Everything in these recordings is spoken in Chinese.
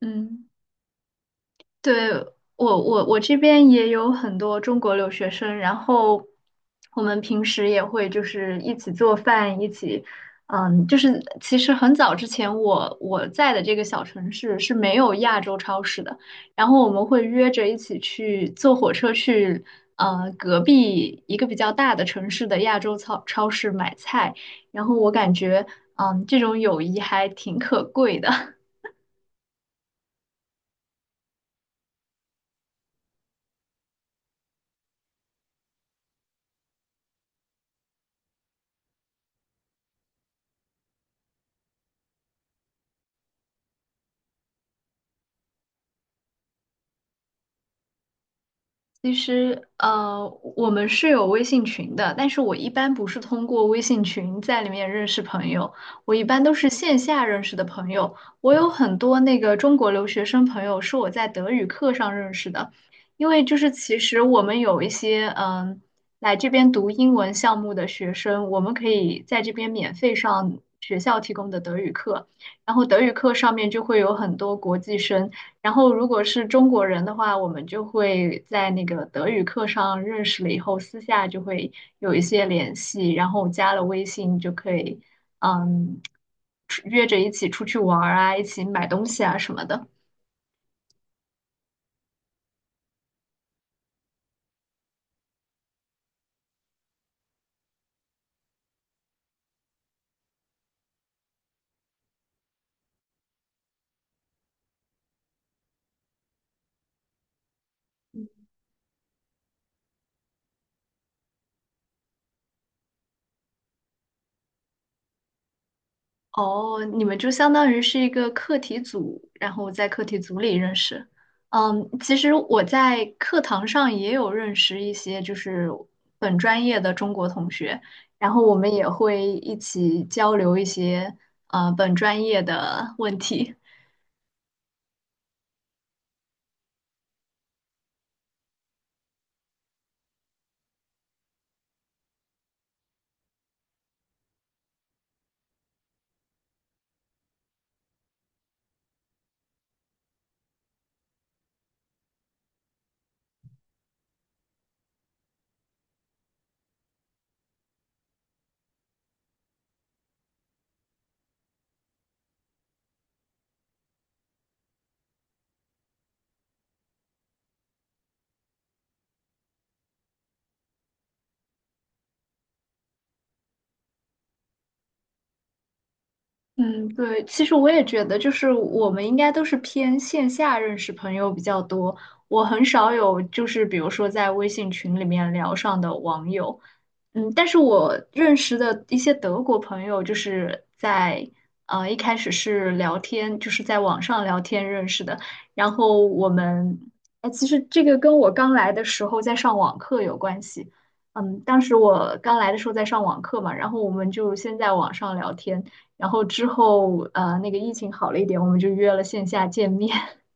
嗯，对，我这边也有很多中国留学生，然后我们平时也会就是一起做饭，一起，嗯，就是其实很早之前我在的这个小城市是没有亚洲超市的，然后我们会约着一起去坐火车去，隔壁一个比较大的城市的亚洲超市买菜，然后我感觉，嗯，这种友谊还挺可贵的。其实，我们是有微信群的，但是我一般不是通过微信群在里面认识朋友，我一般都是线下认识的朋友。我有很多那个中国留学生朋友是我在德语课上认识的，因为就是其实我们有一些嗯来这边读英文项目的学生，我们可以在这边免费上学校提供的德语课，然后德语课上面就会有很多国际生。然后如果是中国人的话，我们就会在那个德语课上认识了以后，私下就会有一些联系，然后加了微信就可以，嗯，出约着一起出去玩儿啊，一起买东西啊什么的。哦，你们就相当于是一个课题组，然后在课题组里认识。嗯，其实我在课堂上也有认识一些就是本专业的中国同学，然后我们也会一起交流一些本专业的问题。嗯，对，其实我也觉得，就是我们应该都是偏线下认识朋友比较多，我很少有就是比如说在微信群里面聊上的网友。嗯，但是我认识的一些德国朋友，就是在一开始是聊天，就是在网上聊天认识的。然后我们，哎，其实这个跟我刚来的时候在上网课有关系。嗯，当时我刚来的时候在上网课嘛，然后我们就先在网上聊天，然后之后那个疫情好了一点，我们就约了线下见面。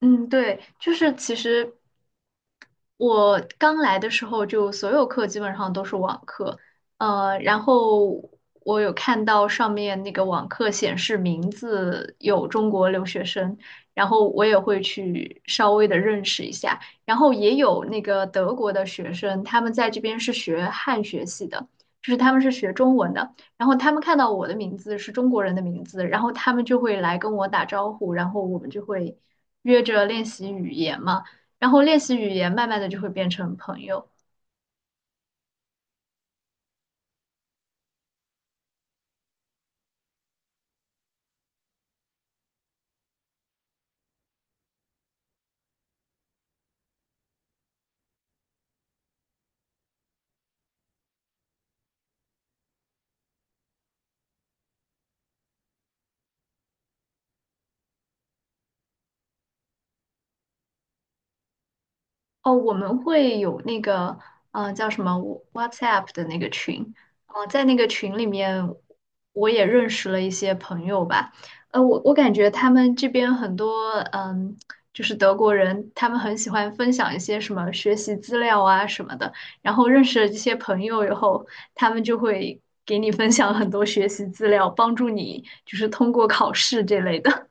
嗯，对，就是其实。我刚来的时候，就所有课基本上都是网课，然后我有看到上面那个网课显示名字有中国留学生，然后我也会去稍微的认识一下，然后也有那个德国的学生，他们在这边是学汉学系的，就是他们是学中文的，然后他们看到我的名字是中国人的名字，然后他们就会来跟我打招呼，然后我们就会约着练习语言嘛。然后练习语言，慢慢的就会变成朋友。哦，我们会有那个，嗯，叫什么 WhatsApp 的那个群，哦，在那个群里面，我也认识了一些朋友吧。我感觉他们这边很多，嗯，就是德国人，他们很喜欢分享一些什么学习资料啊什么的。然后认识了这些朋友以后，他们就会给你分享很多学习资料，帮助你就是通过考试这类的。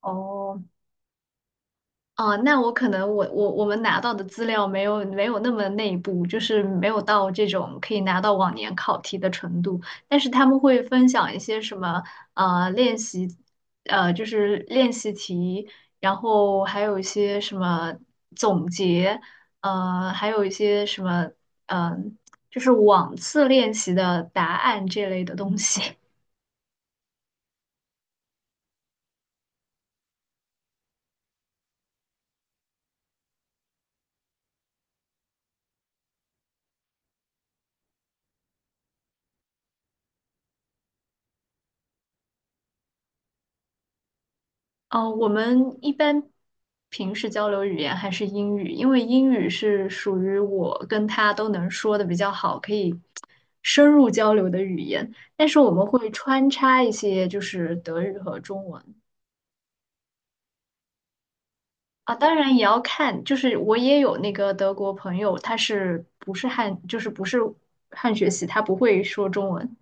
哦，哦，那我可能我们拿到的资料没有那么内部，就是没有到这种可以拿到往年考题的程度。但是他们会分享一些什么练习，就是练习题，然后还有一些什么总结，还有一些什么嗯、呃就是往次练习的答案这类的东西。哦，我们一般平时交流语言还是英语，因为英语是属于我跟他都能说的比较好，可以深入交流的语言。但是我们会穿插一些就是德语和中文啊，当然也要看，就是我也有那个德国朋友，他是不是汉，就是不是汉学习，他不会说中文，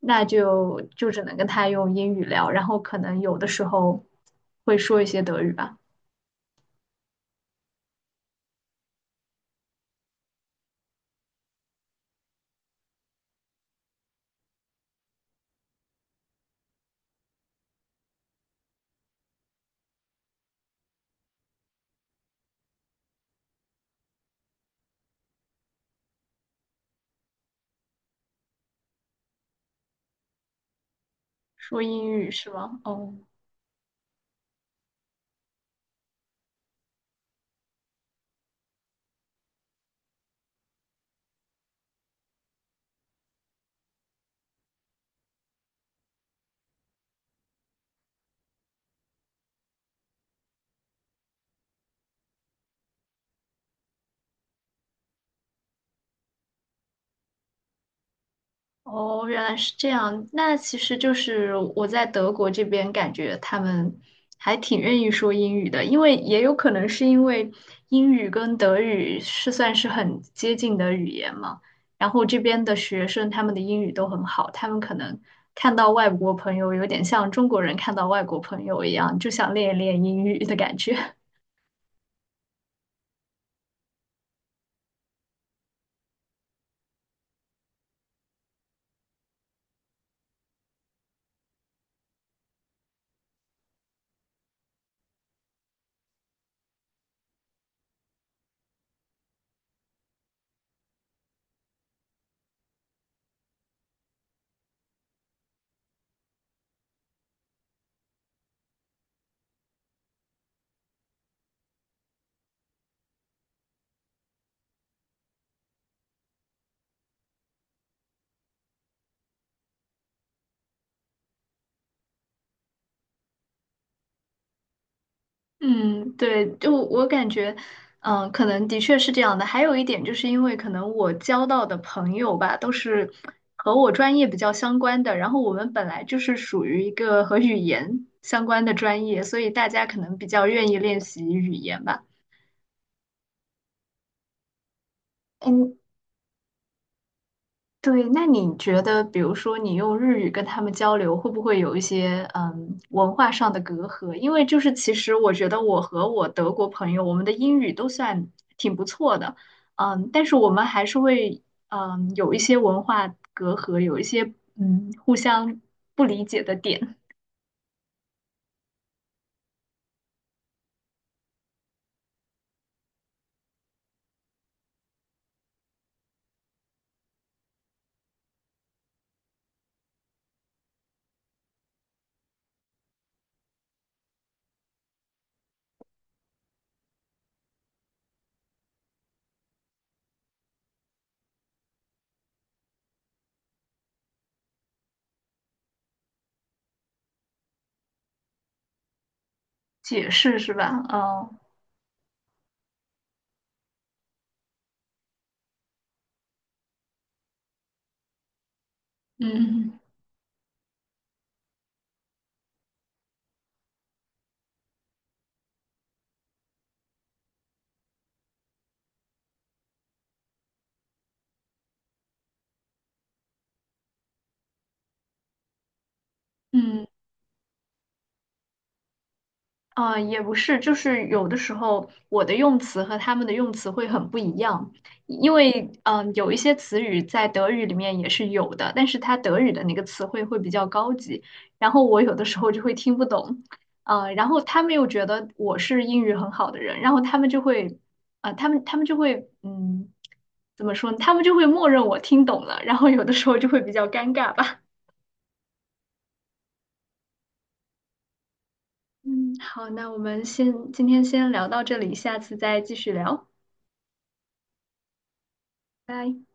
那就只能跟他用英语聊，然后可能有的时候会说一些德语吧。说英语是吗？哦哦，原来是这样。那其实就是我在德国这边感觉他们还挺愿意说英语的，因为也有可能是因为英语跟德语是算是很接近的语言嘛。然后这边的学生他们的英语都很好，他们可能看到外国朋友有点像中国人看到外国朋友一样，就想练一练英语的感觉。嗯，对，就我感觉，可能的确是这样的。还有一点，就是因为可能我交到的朋友吧，都是和我专业比较相关的，然后我们本来就是属于一个和语言相关的专业，所以大家可能比较愿意练习语言吧。嗯。对，那你觉得，比如说你用日语跟他们交流，会不会有一些嗯文化上的隔阂？因为就是其实我觉得我和我德国朋友，我们的英语都算挺不错的，嗯，但是我们还是会嗯有一些文化隔阂，有一些嗯互相不理解的点，解释是吧？哦，嗯嗯。也不是，就是有的时候我的用词和他们的用词会很不一样，因为有一些词语在德语里面也是有的，但是它德语的那个词汇会比较高级，然后我有的时候就会听不懂，然后他们又觉得我是英语很好的人，然后他们就会，啊，他们就会，嗯，怎么说呢？他们就会默认我听懂了，然后有的时候就会比较尴尬吧。嗯，好，那我们先今天先聊到这里，下次再继续聊，拜。